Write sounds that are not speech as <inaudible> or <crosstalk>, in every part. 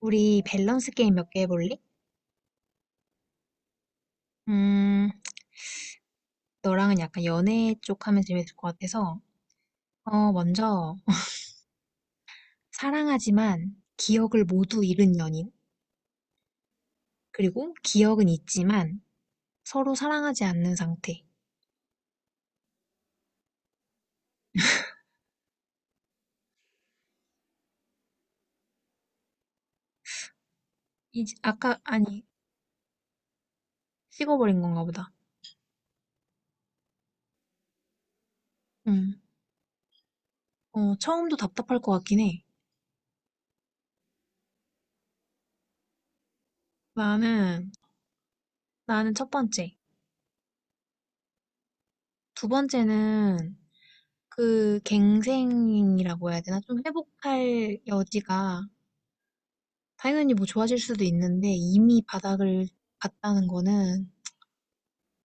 우리 밸런스 게임 몇 개 해볼래? 음, 너랑은 약간 연애 쪽 하면 재밌을 것 같아서, 먼저, 사랑하지만 기억을 모두 잃은 연인. 그리고 기억은 있지만 서로 사랑하지 않는 상태. 이, 아까, 아니, 식어버린 건가 보다. 음, 처음도 답답할 것 같긴 해. 나는, 나는 첫 번째. 두 번째는 그 갱생이라고 해야 되나? 좀 회복할 여지가 당연히 뭐 좋아질 수도 있는데 이미 바닥을 봤다는 거는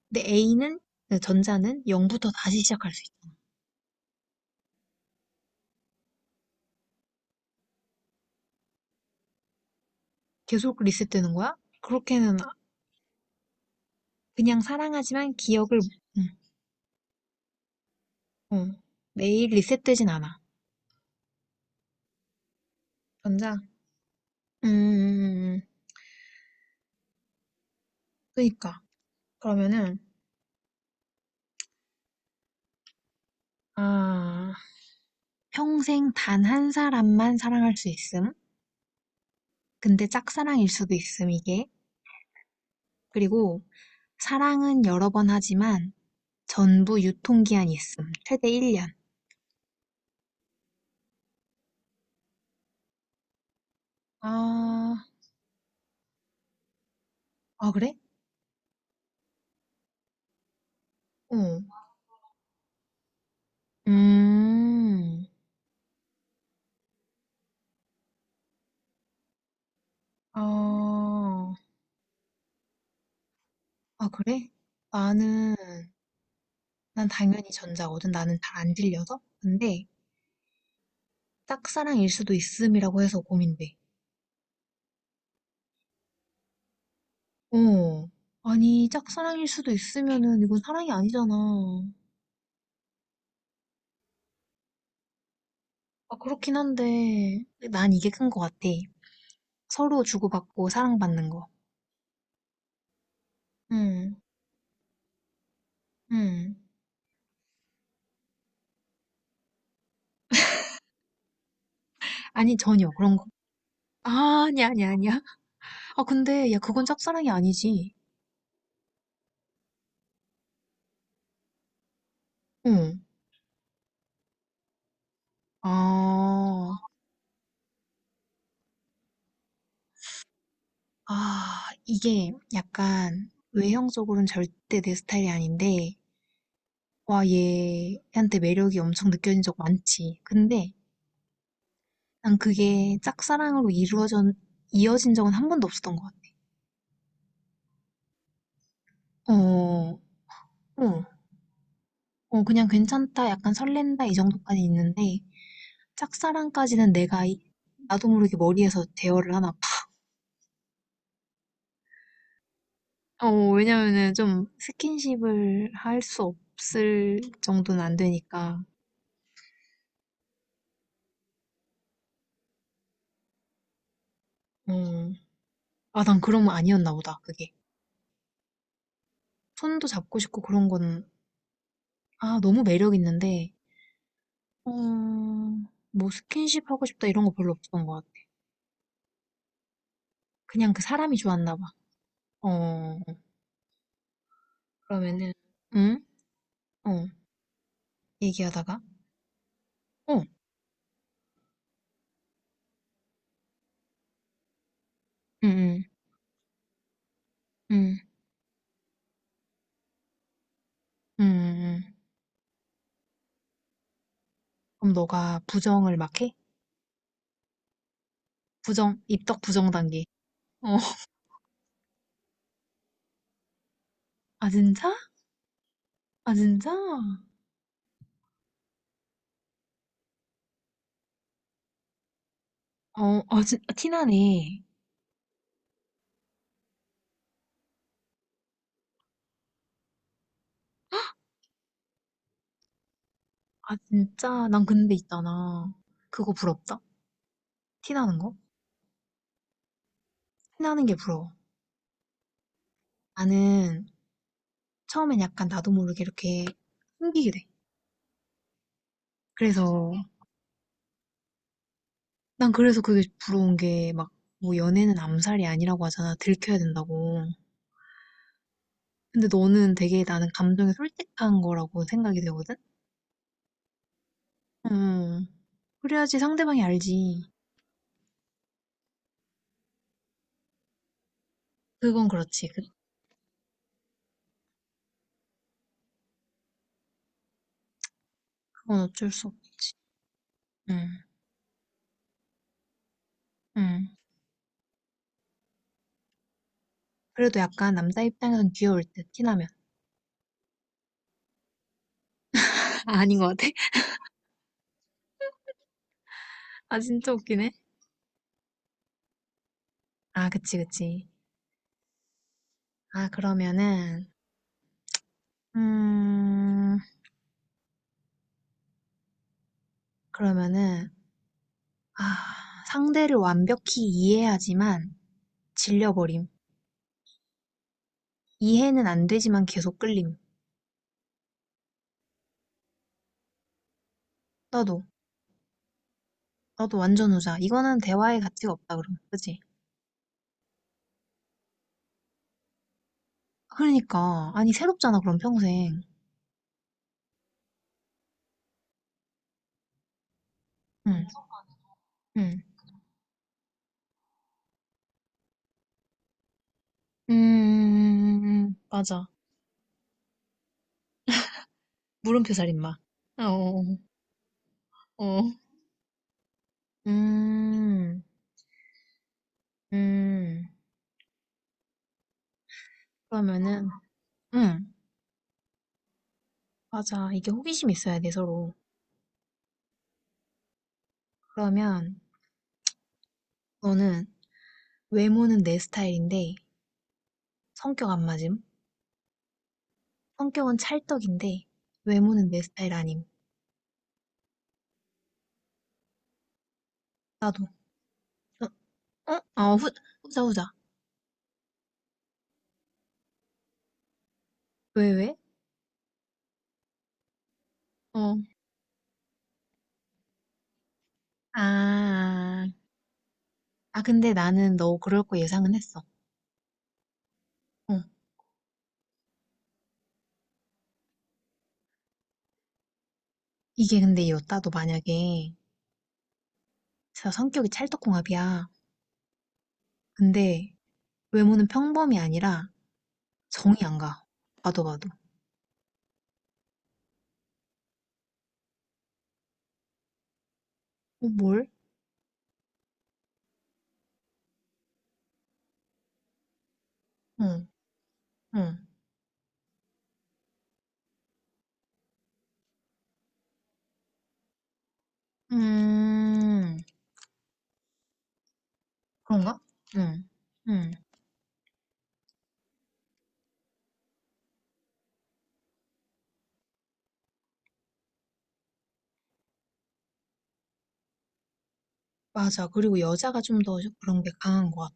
내 A는 그 전자는 0부터 다시 시작할 수 있잖아. 계속 리셋되는 거야? 그렇게는. 그냥 사랑하지만 기억을. 응. 어, 매일 리셋되진 않아. 전자? 음, 그러 그니까. 그러면은 아, 평생 단 한 사람만 사랑할 수 있음. 근데 짝사랑일 수도 있음, 이게. 그리고 사랑은 여러 번 하지만 전부 유통기한이 있음. 최대 1년. 아. 아 그래? 어. 음. 아. 아 그래? 나는 난 당연히 전자거든. 나는 잘 안 들려서. 근데 짝사랑일 수도 있음이라고 해서 고민돼. 어. 아니 짝사랑일 수도 있으면은 이건 사랑이 아니잖아. 아 그렇긴 한데 난 이게 큰 것 같아. 서로 주고받고 사랑받는 거. 응. 응. 아니 전혀 그런 거. 아, 아니야 아니야 아니야. 아 근데 야 그건 짝사랑이 아니지. 어. 어. 아 이게 약간 외형적으로는 절대 내 스타일이 아닌데 와 얘한테 매력이 엄청 느껴진 적 많지. 근데 난 그게 짝사랑으로 이루어져 이어진 적은 한 번도 없었던 것 같아. 어, 어, 그냥 괜찮다, 약간 설렌다 이 정도까지 있는데 짝사랑까지는 나도 모르게 머리에서 대화를 하나 봐. 어, 왜냐면은 좀 스킨십을 할 수 없을 정도는 안 되니까. 어. 아, 난 그런 거 아니었나 보다, 그게. 손도 잡고 싶고 그런 거는, 너무 매력 있는데, 어, 뭐 스킨십 하고 싶다 이런 거 별로 없었던 것 같아. 그냥 그 사람이 좋았나 봐. 어, 그러면은 응? 어, 얘기하다가, 어, 응, 응, 응, 응, 응. 그럼 너가 부정을 막 해? 부정, 입덕 부정 단계. 어, <laughs> 아, 진짜? 아, 진짜? 어, 아, 티나네. 아, 진짜? 난 근데 있잖아. 그거 부럽다? 티나는 거? 티나는 게 부러워. 나는 처음엔 약간 나도 모르게 이렇게 숨기게 돼. 그래서, 난 그래서 그게 부러운 게 막, 뭐 연애는 암살이 아니라고 하잖아. 들켜야 된다고. 근데 너는 되게 나는 감정이 솔직한 거라고 생각이 되거든? 음. 그래야지 상대방이 알지. 그건 그렇지. 그건 어쩔 수 없지. 음. 음. 그래도 약간 남자 입장에선 귀여울 듯, 티나면. <laughs> 아, 아닌 것 같아? <laughs> 아, 진짜 웃기네. 아, 그치, 그치. 아, 그러면은, 음, 그러면은, 상대를 완벽히 이해하지만 질려버림. 이해는 안 되지만 계속 끌림. 나도, 나도 완전 후자. 이거는 대화의 가치가 없다, 그럼. 그치? 그러니까. 아니, 새롭잖아, 그럼 평생. 응, 응. 맞아. 물음표 살인마. 어, 어. 어. 어. 음, 음. 그러면은, 응, 맞아. 이게 호기심이 있어야 돼, 서로. 그러면, 너는 외모는 내 스타일인데 성격 안 맞음? 성격은 찰떡인데 외모는 내 스타일 아님. 나도. 어? 어? 어, 후자, 후자. 왜, 왜? 어. 아, 근데 나는 너 그럴 거 예상은 했어. 어. 이게 근데 이 여따도 만약에 진짜 성격이 찰떡궁합이야. 근데 외모는 평범이 아니라 정이 안 가. 봐도 봐도. 어, 뭘? 응, 응. 음, 그런가? 응, 응. 맞아. 그리고 여자가 좀 더 그런 게 강한 것 같아.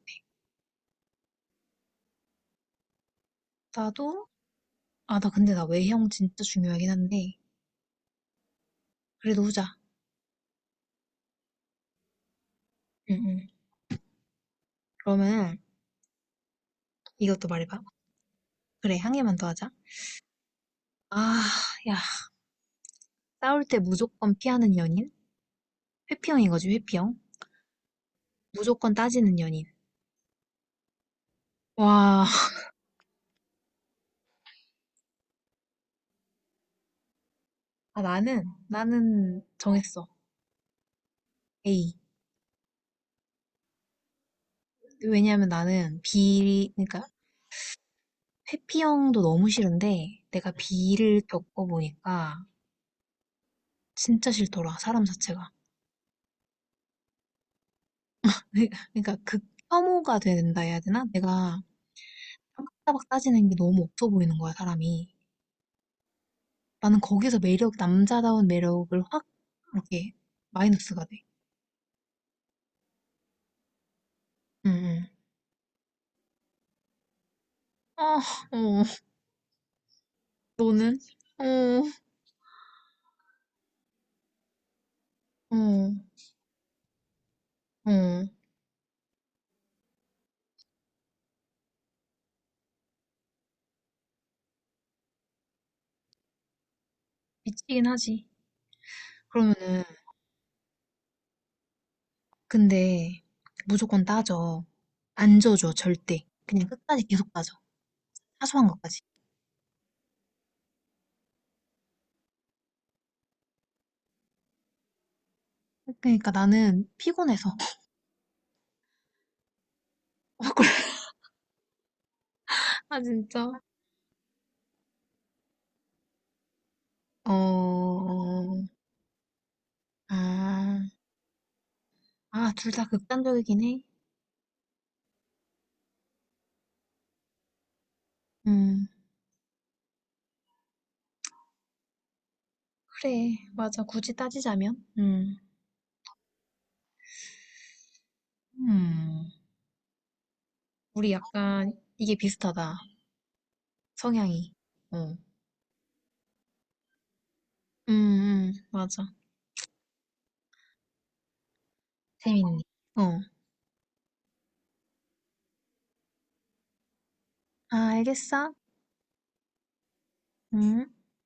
나도 나 근데 나 외형 진짜 중요하긴 한데. 그래도 후자. 응, 응. 그러면 이것도 말해봐. 그래, 향해만 더 하자. 아, 야. 싸울 때 무조건 피하는 연인? 회피형인 거지, 회피형. 무조건 따지는 연인. 와, 아, 나는, 나는 정했어. A. 왜냐면 나는 B, 그러니까 회피형도 너무 싫은데 내가 B를 겪어보니까 진짜 싫더라, 사람 자체가. <laughs> 그러니까 극 혐오가 된다 해야 되나? 내가 따박따박 따지는 게 너무 없어 보이는 거야, 사람이. 나는 거기서 매력, 남자다운 매력을 확, 이렇게, 마이너스가 돼. 응, 응. 아, 어, 너는? 어, 어, 어. 미치긴 하지. 그러면은, 근데, 무조건 따져. 안 져줘, 절대. 그냥 끝까지 계속 따져. 사소한 것까지. 그러니까 나는 피곤해서. <laughs> 아, 그래. 아, 진짜. 어, 어. 아, 둘 다 극단적이긴 해. 음. 그래, 맞아. 굳이 따지자면, 음, 우리 약간 이게 비슷하다. 성향이. 어, 맞아. 재밌네. 어, 알겠어. 음.